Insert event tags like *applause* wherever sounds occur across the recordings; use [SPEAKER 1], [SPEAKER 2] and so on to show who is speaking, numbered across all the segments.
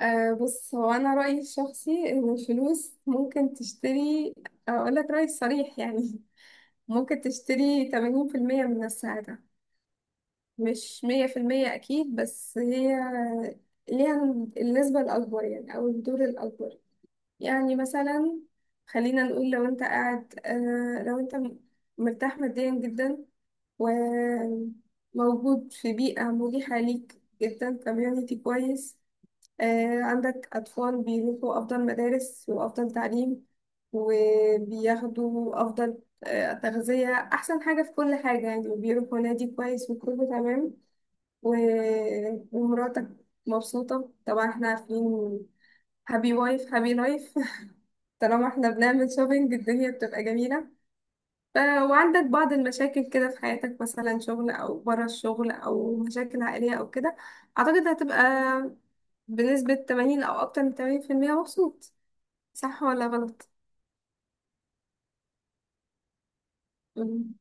[SPEAKER 1] بص، هو أنا رأيي الشخصي إن الفلوس ممكن تشتري. أقول لك رأيي الصريح يعني. *laughs* ممكن تشتري 80% من السعادة، مش 100% أكيد، بس هي ليها النسبة الأكبر يعني أو الدور الأكبر. يعني مثلا خلينا نقول لو أنت قاعد أه لو أنت م- مرتاح ماديا جدا، وموجود في بيئة مريحة ليك جدا، كوميونيتي كويس. عندك أطفال بيروحوا أفضل مدارس وأفضل تعليم وبياخدوا أفضل تغذية، أحسن حاجة في كل حاجة يعني، وبيروحوا نادي كويس وكله تمام. و- ومراتك مبسوطة طبعا، احنا عارفين هابي وايف هابي لايف. *laughs* طالما احنا بنعمل شوبينج الدنيا بتبقى جميلة. وعندك بعض المشاكل كده في حياتك، مثلا شغل او بره الشغل او مشاكل عائلية او كده، اعتقد هتبقى بنسبة 80 او اكتر من 80% مبسوط. صح ولا غلط؟ مم.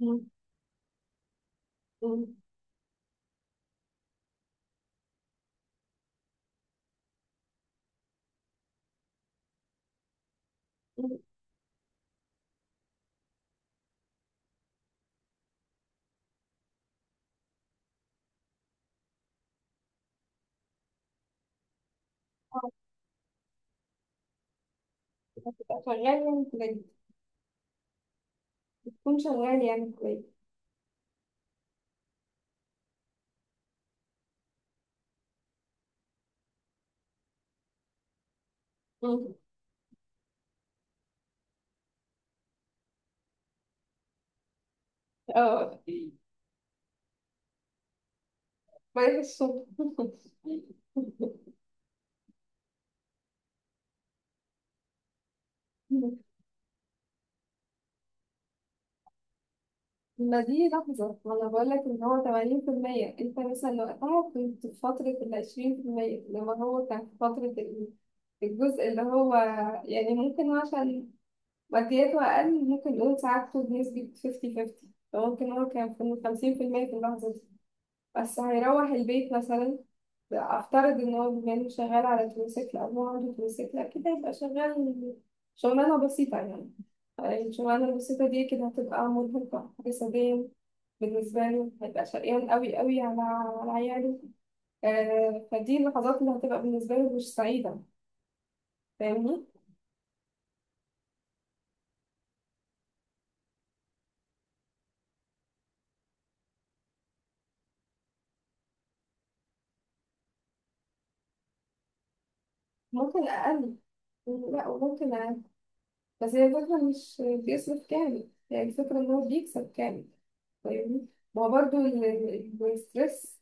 [SPEAKER 1] مم. مم. مم. آه، تبقى شغال يعني كويس. تكون شغال يعني كويس. مم. اه، مريح الصبح. *laughs* ما دي لحظة ما أنا بقولك إن هو تمانين في المية، أنت مثلا وقتها كنت في فترة العشرين في المية، لما هو كان في فترة الجزء اللي هو يعني ممكن عشان مادياته أقل، ممكن نقول ساعات بنسبة فيفتي فيفتي. فممكن هو كان في الخمسين في المية في اللحظة دي. بس هيروح البيت مثلا، افترض ان هو بما انه شغال على تروسيكل او هو عنده تروسيكل اكيد هيبقى شغال. شغلانه بسيطه يعني. الشغلانه البسيطه دي كده هتبقى مرهقه جسديا، بالنسبه له هيبقى شقيان قوي قوي على على عياله. آه، فدي اللحظات اللي هتبقى بالنسبه له مش سعيده، فاهمني. ممكن اقل. لا وممكن. بس هي الفكرة مش بيصرف كامل، يعني الفكرة إن هو بيكسب كامل، فاهمني. ما هو برضه الستريس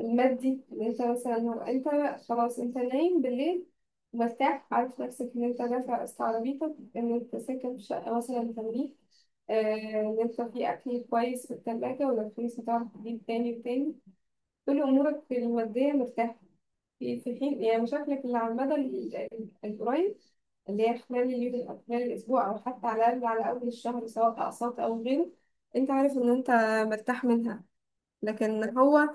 [SPEAKER 1] المادي اللي انت مثلا هو انت خلاص انت نايم بالليل مرتاح، عارف نفسك ان انت دافع قسط عربيتك، ان انت ساكن في شقة مثلا بتمليك، ان انت في اكل كويس في التلاجة، ولو فلوس هتعرف تجيب تاني وتاني. كل أمورك المادية مرتاحة، في في حين يعني مشاكلك اللي على المدى القريب اللي هي خلال اليوم أو خلال الأسبوع أو حتى على الأقل على أول الشهر، سواء أقساط أو غيره، أنت عارف إن أنت مرتاح منها. لكن هو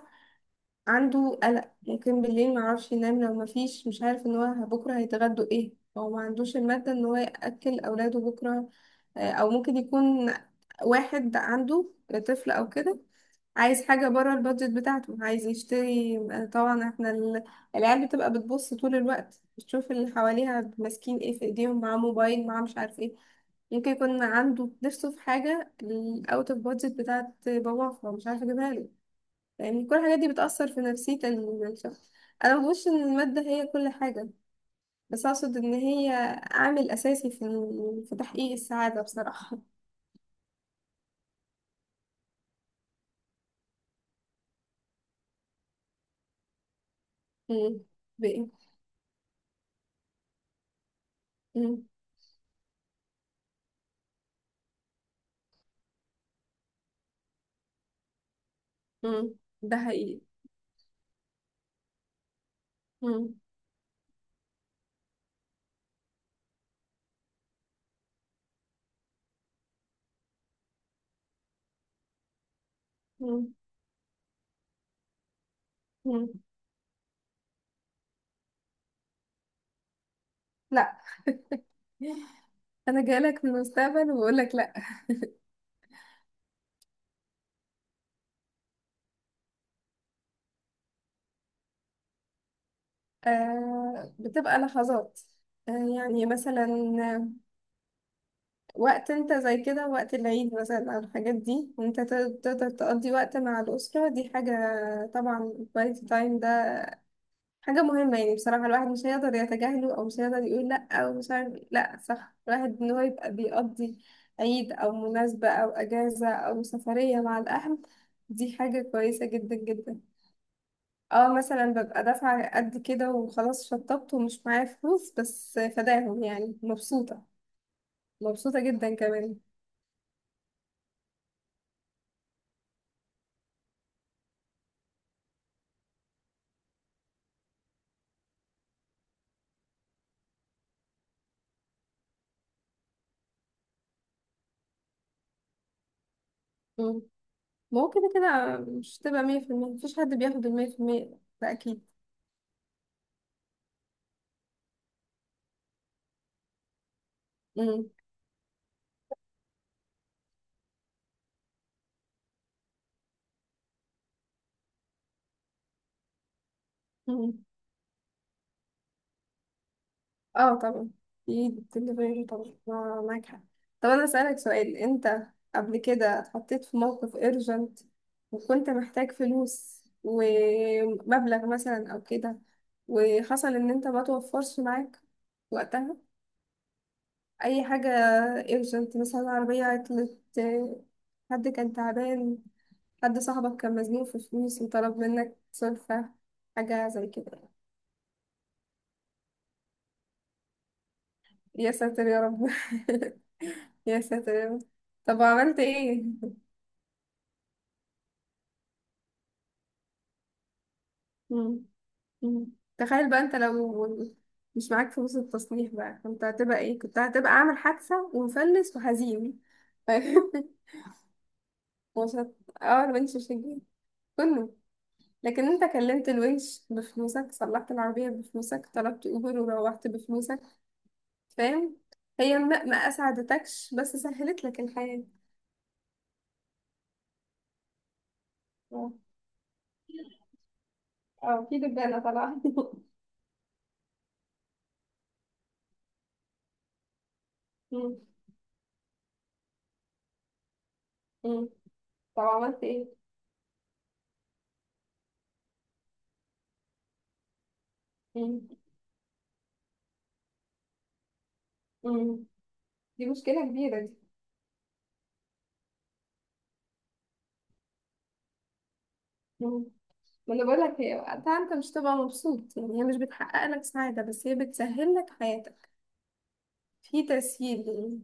[SPEAKER 1] عنده قلق ممكن بالليل معرفش ينام، لو مفيش، مش عارف إن هو بكرة هيتغدوا إيه، هو ما عندوش المادة إن هو يأكل أولاده بكرة. أو ممكن يكون واحد عنده طفل أو كده عايز حاجة بره البادجت بتاعته، عايز يشتري طبعا احنا العيال بتبقى بتبص طول الوقت، بتشوف اللي حواليها ماسكين ايه في ايديهم، معاه موبايل معاه مش عارف ايه. ممكن يكون عنده نفسه في حاجة الاوت اوف بادجت بتاعت باباه، فمش عارفة اجيبها له. يعني كل الحاجات دي بتأثر في نفسية الشخص. انا مبقولش ان المادة هي كل حاجة، بس اقصد ان هي عامل اساسي في في تحقيق السعادة بصراحة. *laughs* مم. بإيه؟ مم. مم. ده حقيقي. مم. مم. مم. لا، انا جايلك في المستقبل وبقول لك لا. آه بتبقى لحظات، آه يعني مثلا وقت انت زي كده وقت العيد مثلا او الحاجات دي، وانت تقدر تقضي وقت مع الاسره، دي حاجه، طبعا الكواليتي تايم ده حاجه مهمه يعني. بصراحه الواحد مش هيقدر يتجاهله او مش هيقدر يقول لا او مش عارف إيه. لا صح، الواحد ان هو يبقى بيقضي عيد او مناسبه او اجازه او سفريه مع الاهل، دي حاجه كويسه جدا جدا. اه مثلا ببقى دافعة قد كده وخلاص شطبت ومش معايا فلوس بس فداهم يعني مبسوطة، مبسوطة جدا كمان. مم. ما هو كده كده مش تبقى مية في المية، مفيش حد بياخد المية في المية ده أكيد. مم. مم. اه طبعا، اكيد الدليفري طبعا معاك حق. طب أنا أسألك سؤال، أنت قبل كده اتحطيت في موقف urgent وكنت محتاج فلوس ومبلغ مثلا أو كده، وحصل إن أنت ما توفرش معاك وقتها اي حاجه. ايرجنت مثلا عربيه عطلت، حد كان تعبان، حد صاحبك كان مزنوق في فلوس وطلب منك سلفة، حاجه زي كده. يا ساتر يا رب. *laughs* يا ساتر يا رب، طب عملت ايه؟ مم. مم. تخيل بقى انت لو مش معاك فلوس التصليح بقى كنت هتبقى ايه، كنت هتبقى عامل حادثة ومفلس وهزيم. *laughs* مش هت... اه البنش مش هتجيب. كنا. لكن انت كلمت الونش بفلوسك، صلحت العربية بفلوسك، طلبت اوبر وروحت بفلوسك، فاهم. هي ما اسعدتكش بس سهلت لك الحياة. اه. اه في دبانة طبعا. *laughs* مم. مم. طب عملت ايه؟ مم. مم. دي مشكلة كبيرة دي. مم. ما انا بقول لك هي وقتها انت مش تبقى مبسوط يعني، هي مش بتحقق لك سعادة بس هي بتسهل لك حياتك، في تسهيل يعني.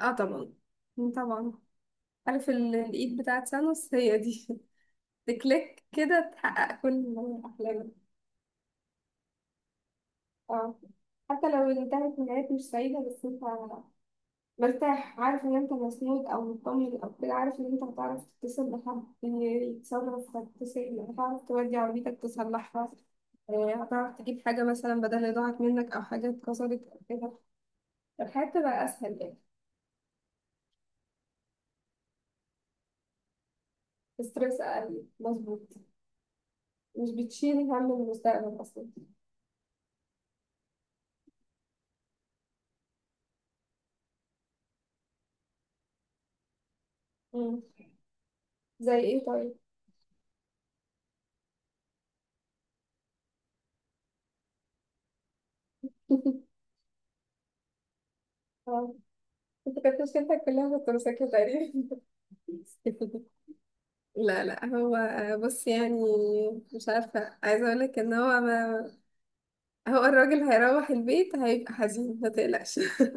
[SPEAKER 1] اه طبعا. مم، طبعا. عارف الايد بتاعت سانوس هي دي. *laughs* بكليك كده تحقق كل أحلامك. اه حتى لو انتهت نهاية مش سعيدة بس انت مرتاح، عارف ان انت مسنود او مطمن او كده، عارف ان انت هتعرف تتصل بحد يتصرف، هتتصل هتعرف تودي عربيتك تصلحها، هتعرف تجيب حاجة مثلا بدل اللي ضاعت منك أو حاجة اتكسرت أو كده. الحياة تبقى أسهل يعني. ستريس أقل مظبوط، مش بتشيل هم المستقبل أصلا. مم. زي إيه طيب؟ *laughs* اه أنت كانت مشكلتك كلها في التمساك تقريبا. لا لا، هو بص يعني مش عارفة عايزة اقولك ان هو ما هو الراجل هيروح البيت هيبقى حزين، ما تقلقش. *laughs*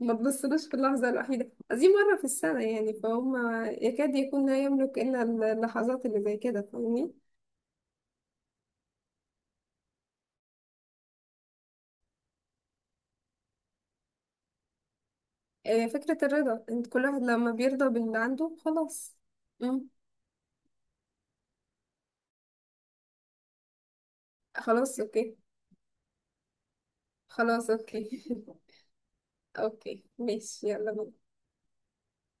[SPEAKER 1] ما تبصلوش في اللحظة الوحيدة دي مرة في السنة يعني فهم. يكاد يكون لا يملك إلا اللحظات اللي زي كده، فاهمني. فكرة الرضا، انت كل واحد لما بيرضى باللي عنده خلاص. مم. خلاص اوكي. خلاص اوكي. *laughs* اوكي ماشي يلا بينا.